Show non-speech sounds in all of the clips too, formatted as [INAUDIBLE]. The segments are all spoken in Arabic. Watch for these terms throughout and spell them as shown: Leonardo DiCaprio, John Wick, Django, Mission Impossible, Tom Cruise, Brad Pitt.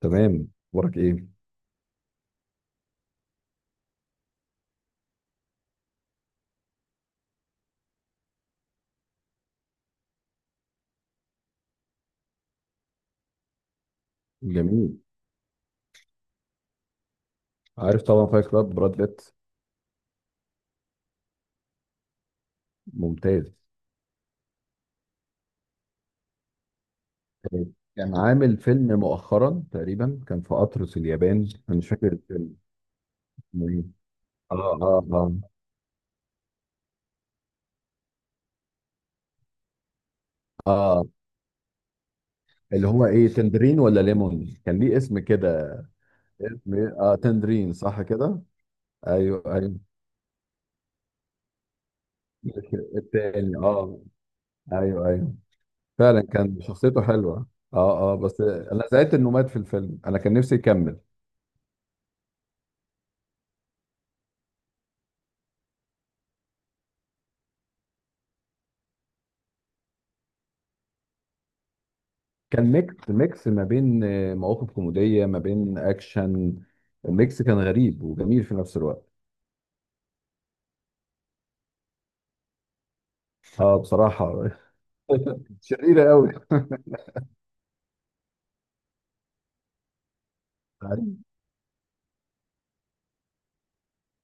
تمام. اخبارك ايه؟ جميل. عارف طبعا، فايت كلاب، براد بيت. ممتاز. كان عامل فيلم مؤخرا، تقريبا كان في قطر اليابان، انا مش فاكر الفيلم. اسمه ايه؟ اه، اه، اه، اه، اللي هو ايه، تندرين ولا ليمون، كان ليه اسم كده. اسم إيه؟ اه، تندرين صح كده. ايوه، ايوه. التاني، اه. ايوه، ايوه. فعلا كان شخصيته حلوه. اه، اه، بس انا زعلت انه مات في الفيلم، انا كان نفسي يكمل. كان ميكس ميكس ما بين مواقف كوميدية ما بين أكشن. الميكس كان غريب وجميل في نفس الوقت. اه، بصراحة. [LAUGHS] شريرة قوي.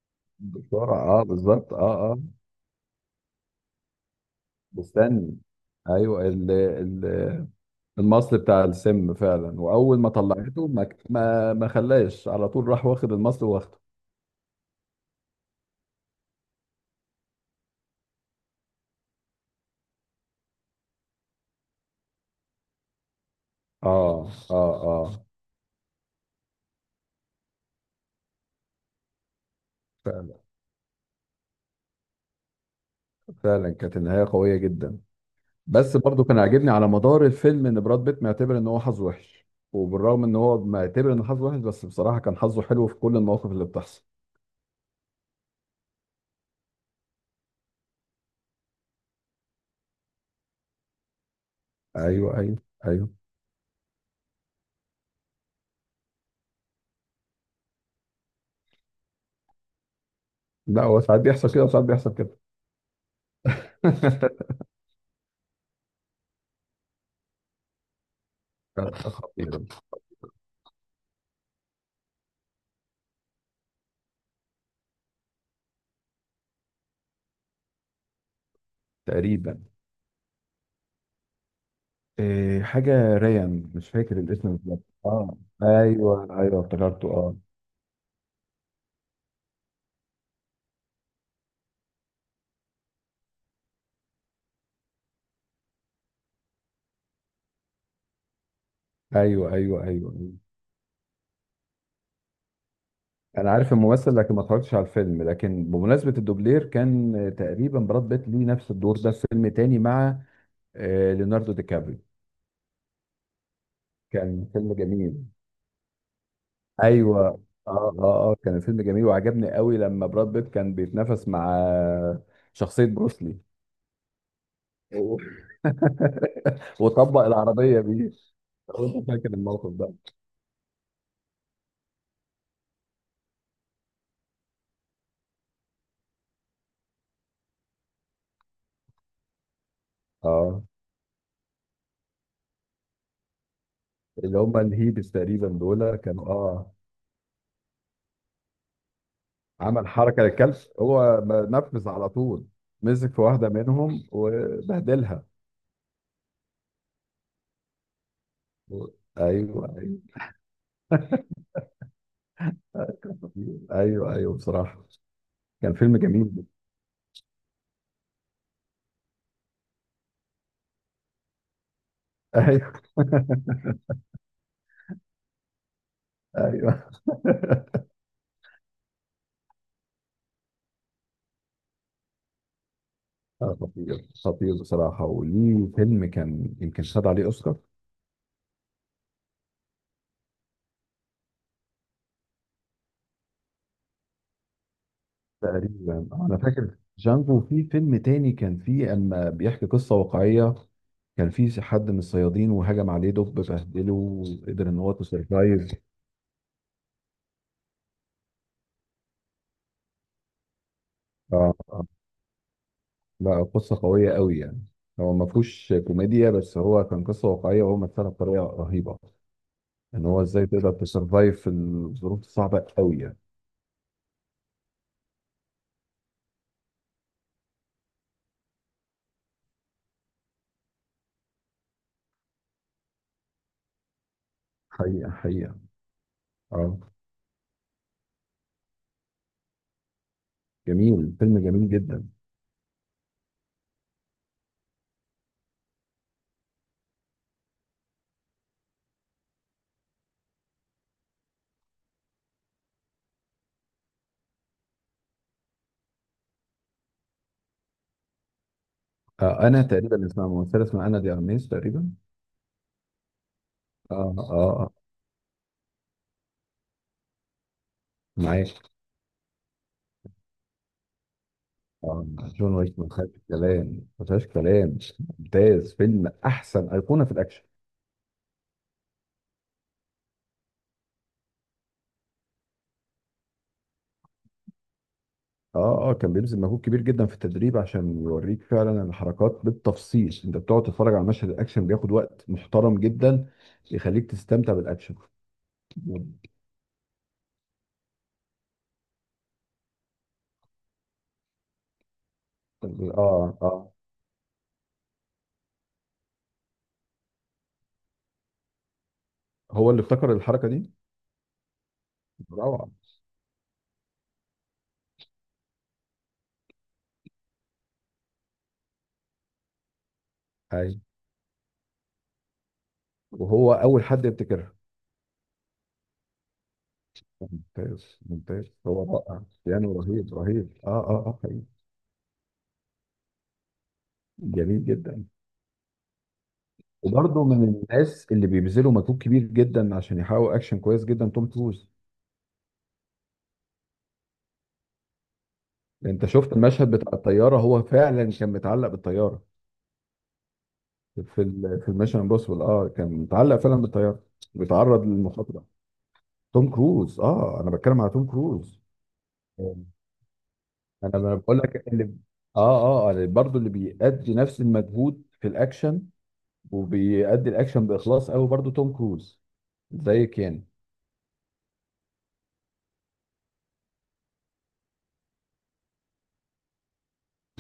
[LAUGHS] بسرعة، اه، بالظبط، اه، اه. مستني. ايوه، ال ال المصل بتاع السم فعلا، واول ما طلعته ما خلاش، على طول راح واخد المصل واخده. اه، اه، اه. فعلا. فعلا كانت النهاية قوية جدا. بس برضو كان عاجبني على مدار الفيلم ان براد بيت معتبر ان هو حظه وحش، وبالرغم ان هو معتبر ان حظه وحش، بس بصراحة كان حظه حلو في كل المواقف اللي بتحصل. ايوه، ايوه، ايوه. لا، هو ساعات بيحصل كده وساعات بيحصل كده. [LAUGHS] كان خطير. تقريبا. إيه حاجة ريان، مش فاكر الاسم بالظبط، اه. ايوه، ايوه، افتكرته، اه. ايوه، ايوه، ايوه، أيوة. انا عارف الممثل لكن ما اتفرجتش على الفيلم، لكن بمناسبة الدوبلير كان تقريبا براد بيت ليه نفس الدور ده في فيلم تاني مع ليوناردو دي كابري. كان فيلم جميل. ايوه، اه. اه، اه، كان فيلم جميل وعجبني قوي لما براد بيت كان بيتنافس مع شخصية بروسلي. أوه. [LAUGHS] وطبق العربية بيه. لو انت فاكر الموقف ده. اه، اللي هم الهيبس تقريبا دول كانوا، اه. عمل حركة للكلب، هو نفذ على طول. مسك في واحدة منهم وبهدلها. و- ايوه، ايوه، ايوه، ايوه، بصراحة كان فيلم جميل. [LAUGHS] ايوه. [LAUGHS] ايوه. خطير، خطير بصراحة، وليه فيلم كان يمكن خد عليه أوسكار. تقريبا. أنا فاكر جانجو، وفي فيلم تاني كان فيه أما بيحكي قصة واقعية، كان فيه حد من الصيادين وهجم عليه دب بهدله وقدر إن هو تسرفايف. آه. آه. لا، قصة قوية قوي يعني. هو ما فيهوش كوميديا، بس هو كان قصة واقعية وهو مثلها بطريقة رهيبة. إن هو إزاي تقدر تسرفايف في الظروف الصعبة قوي يعني. حقيقة، حقيقة. آه، جميل، فيلم جميل جدا. آه، انا تقريبا اسمها ممثله، اسمها انا دي ارميس تقريبا. اه، اه، آه. معاك. اه. جون ويك ما فيهاش كلام، ما فيهاش كلام. ممتاز، فيلم، احسن ايقونه في الاكشن. اه، اه، كان بيبذل مجهود كبير جدا في التدريب عشان يوريك فعلا الحركات بالتفصيل. انت بتقعد تتفرج على مشهد الاكشن، بياخد وقت محترم جدا، يخليك تستمتع بالاكشن. اه، اه، هو اللي ابتكر الحركه دي. روعه. ايوه، وهو اول حد يبتكرها. ممتاز، ممتاز، هو رائع. كريستيانو رهيب، رهيب، اه، اه، اه، حقيقي. جميل جدا. وبرضه من الناس اللي بيبذلوا مجهود كبير جدا عشان يحققوا اكشن كويس جدا، توم كروز. انت شفت المشهد بتاع الطياره، هو فعلا كان متعلق بالطياره. في الميشن امبوسيبل، اه، كان متعلق فعلا بالطياره، بيتعرض للمخاطره. توم كروز، اه، انا بتكلم على توم كروز. انا انا بقول لك، اللي اه، اه، برضه اللي اللي بيأدي نفس المجهود في الاكشن، وبيأدي الاكشن باخلاص قوي، برضو توم كروز زي كان.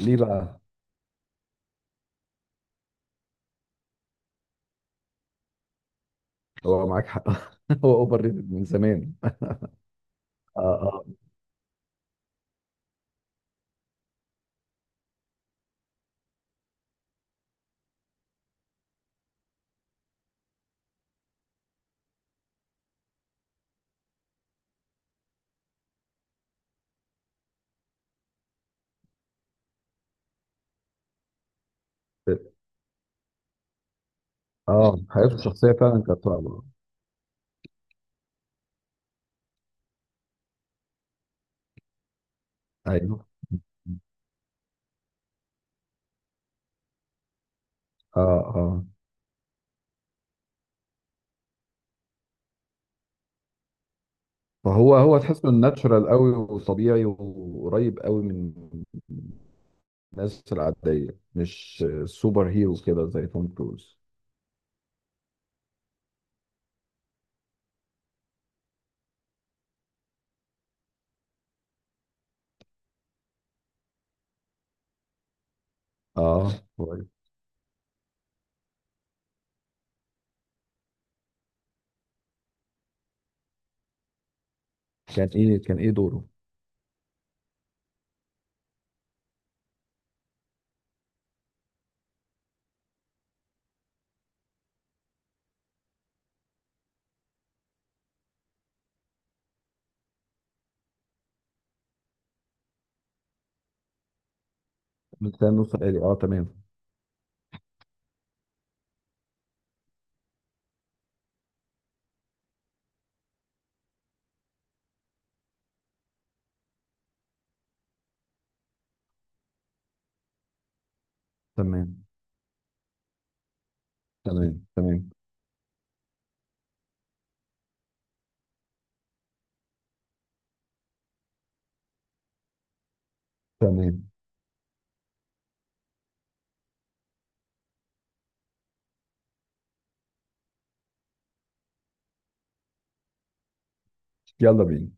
ليه بقى؟ هو معاك حق. [LAUGHS] هو اوفر ريتد من زمان. اه، اه، اه. حياته الشخصيه فعلا كانت صعبه. ايوه، اه، اه. فهو تحسه ناتشورال قوي وطبيعي وقريب قوي من الناس العاديه، مش سوبر هيرو كده زي توم كروز. اه. كويس. كان ايه، دوره؟ مستني، نص آلي، اه، تمام. تمام، تمام، تمام، تمام. يلا بينا.